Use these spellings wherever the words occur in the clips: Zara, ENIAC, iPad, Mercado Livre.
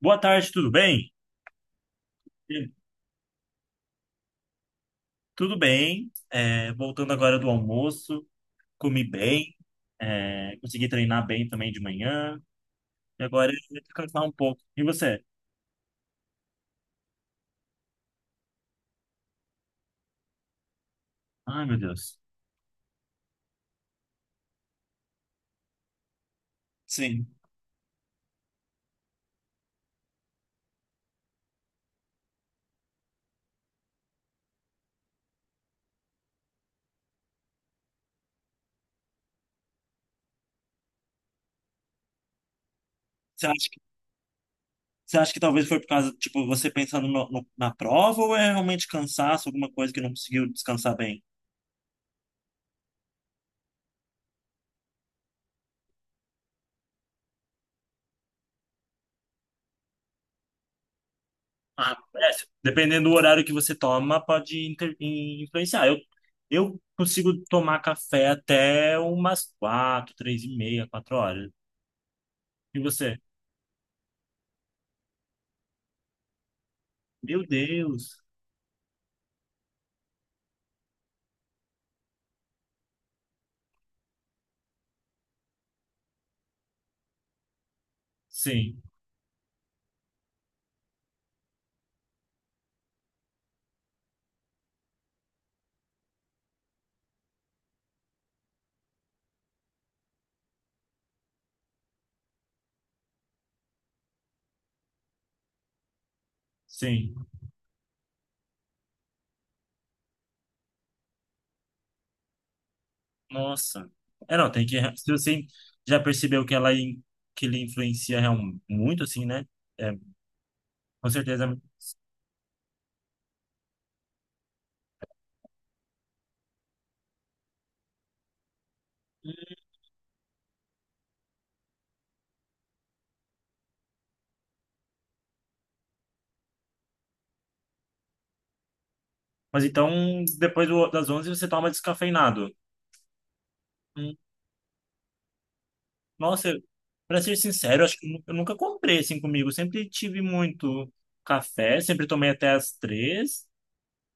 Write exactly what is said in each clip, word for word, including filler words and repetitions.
Boa tarde, tudo bem? Tudo bem. É, voltando agora do almoço, comi bem, é, consegui treinar bem também de manhã, e agora eu vou descansar um pouco. E você? Ai, meu Deus. Sim. Você acha que, você acha que talvez foi por causa, tipo, você pensando no- no- na prova ou é realmente cansaço, alguma coisa que não conseguiu descansar bem? Ah, é, se- dependendo do horário que você toma, pode inter- in- influenciar. Eu, eu consigo tomar café até umas quatro, três e meia, quatro horas. E você? Meu Deus. Sim, sim. Nossa. É, não, tem que. Se você já percebeu que ela in- que ele influencia real- muito, assim, né? É, com certeza. Mas então, depois do- das onze você toma descafeinado. Hum. Nossa, eu- pra ser sincero, acho que eu nu- eu nunca comprei assim comigo. Sempre tive muito café, sempre tomei até as três.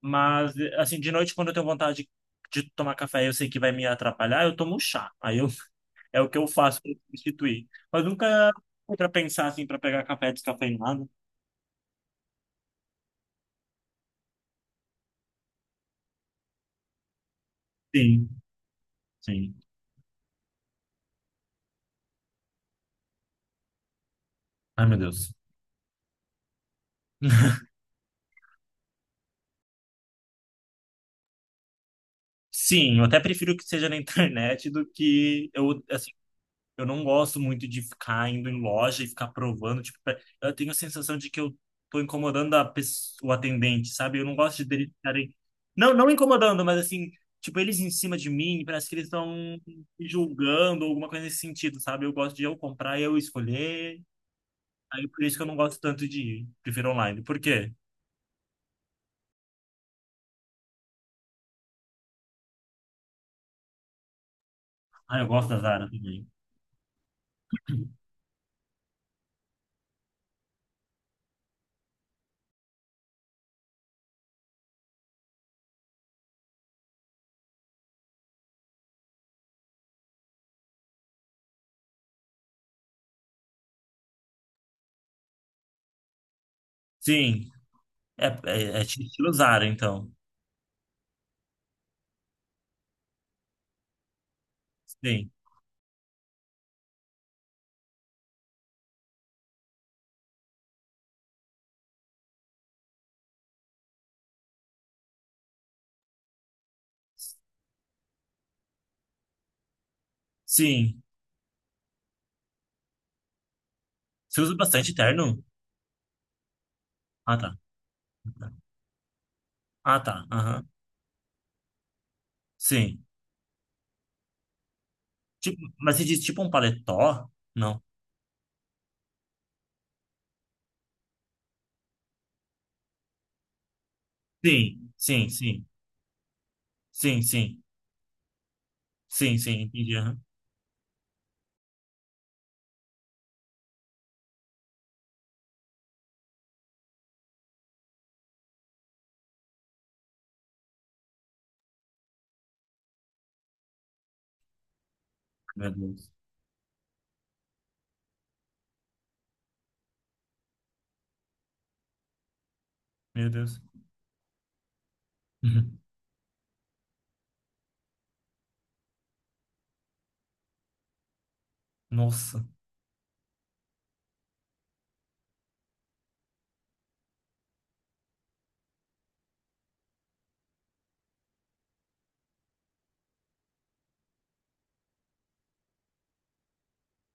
Mas, assim, de noite, quando eu tenho vontade de tomar café, eu sei que vai me atrapalhar, eu tomo chá. Aí eu é o que eu faço para substituir. Mas nunca para pensar assim para pegar café descafeinado. Sim, sim. Ai, meu Deus. Sim, eu até prefiro que seja na internet do que eu, assim, eu não gosto muito de ficar indo em loja e ficar provando, tipo, pe- eu tenho a sensação de que eu tô incomodando a pessoa, o atendente, sabe? Eu não gosto de deles ficarem, não, não incomodando, mas assim, tipo, eles em cima de mim, parece que eles estão me julgando, alguma coisa nesse sentido, sabe? Eu gosto de eu comprar e eu escolher, aí por isso que eu não gosto tanto de ir, prefiro online. Por quê? Ah, eu gosto da Zara também. Sim, é, é, é estilo Zara, então. Sim, sim. Você usa bastante terno? Ah, tá. Ah, tá. Aham. Sim. Tipo, mas você diz tipo um paletó? Não. Sim, sim, sim. Sim, sim. Sim, sim, entendi. Aham. Meu Deus. Meu Deus. Nossa.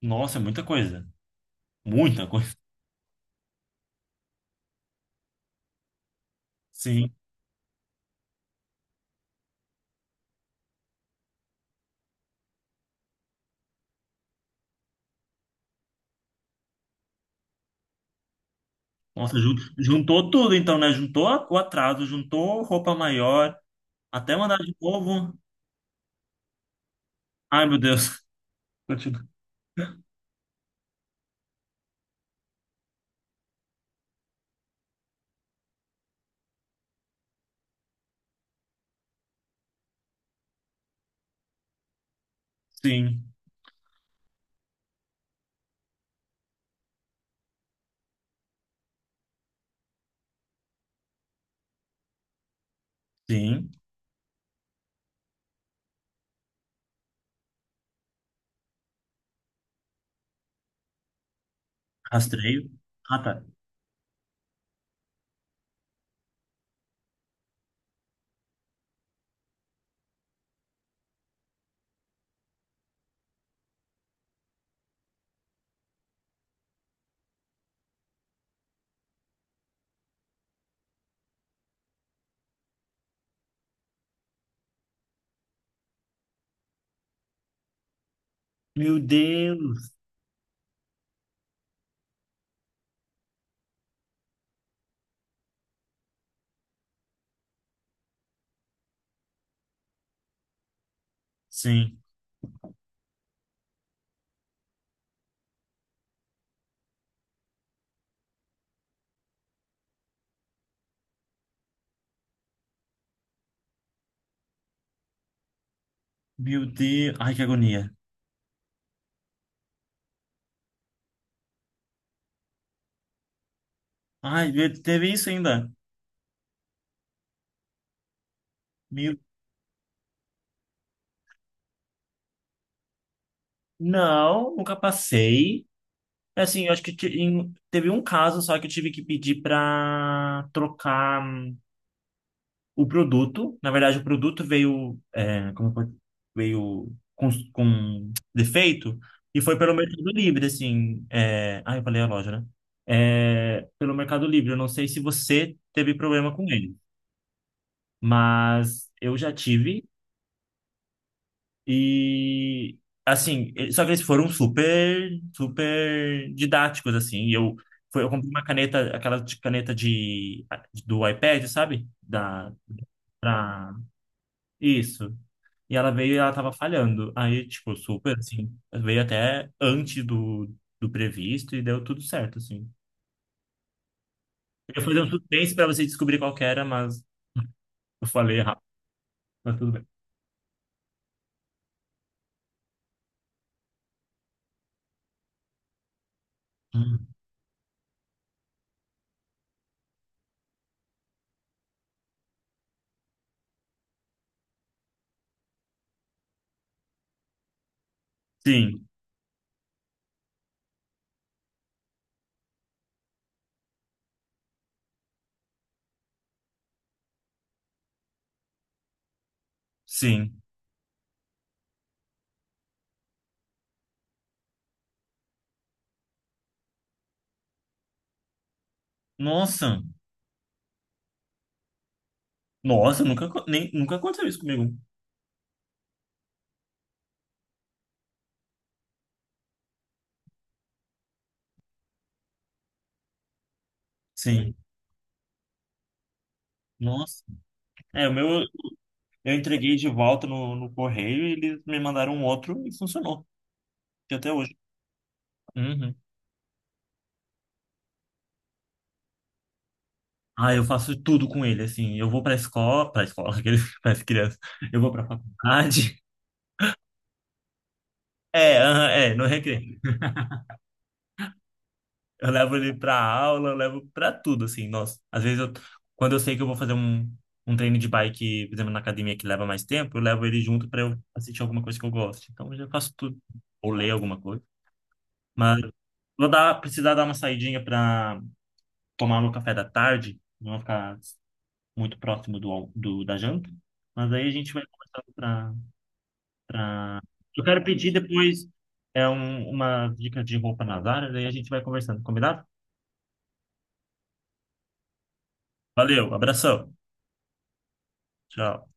Nossa, é muita coisa. Muita coisa. Sim. Nossa, jun- juntou tudo então, né? Juntou a- o atraso, juntou roupa maior, até mandar de novo. Ai, meu Deus. Continua. Sim, sim. Rastreio. Ah, tá. Meu Deus. Sim. Meu Deus. Ai, que agonia. Ai, ve- teve isso ainda. Meu... Não, nunca passei. É, assim, eu acho que ti- em- teve um caso só que eu tive que pedir pra trocar o produto. Na verdade, o produto veio, é, como foi, veio com, com defeito e foi pelo Mercado Livre, assim. É, ah, eu falei a loja, né? É, pelo Mercado Livre. Eu não sei se você teve problema com ele, mas eu já tive. E assim, eh, só que eles foram super, super didáticos, assim. E eu foi, eu comprei uma caneta, aquela de- caneta de do iPad, sabe? Da... Pra... Isso. E ela veio e ela tava falhando. Aí, tipo, super, assim, veio até antes do, do previsto e deu tudo certo, assim. Eu ia fazer um suspense pra você descobrir qual que era, mas eu falei errado, mas tudo bem. Hum. Sim, sim. Nossa, nossa, nunca, acon- nem, nunca aconteceu isso comigo. Sim, nossa. É, o meu, eu entreguei de volta no, no correio e eles me mandaram um outro e funcionou, que até hoje. Uhum. Ah, eu faço tudo com ele, assim. Eu vou pra escola, pra escola, aqueles, para crianças. Eu vou pra faculdade. É, aham, é, no recreio. Eu levo ele pra aula, eu levo pra tudo, assim, nossa. Às vezes, eu, quando eu sei que eu vou fazer um, um treino de bike, por exemplo, na academia que leva mais tempo, eu levo ele junto pra eu assistir alguma coisa que eu gosto. Então, eu já faço tudo. Ou ler alguma coisa. Mas vou dar, precisar dar uma saidinha pra tomar meu café da tarde, não vou ficar muito próximo do, al- do da janta. Mas aí a gente vai conversando pra, pra... Eu quero pedir depois é um, uma dica de roupa nas áreas, aí a gente vai conversando, combinado? Valeu, abração. Tchau.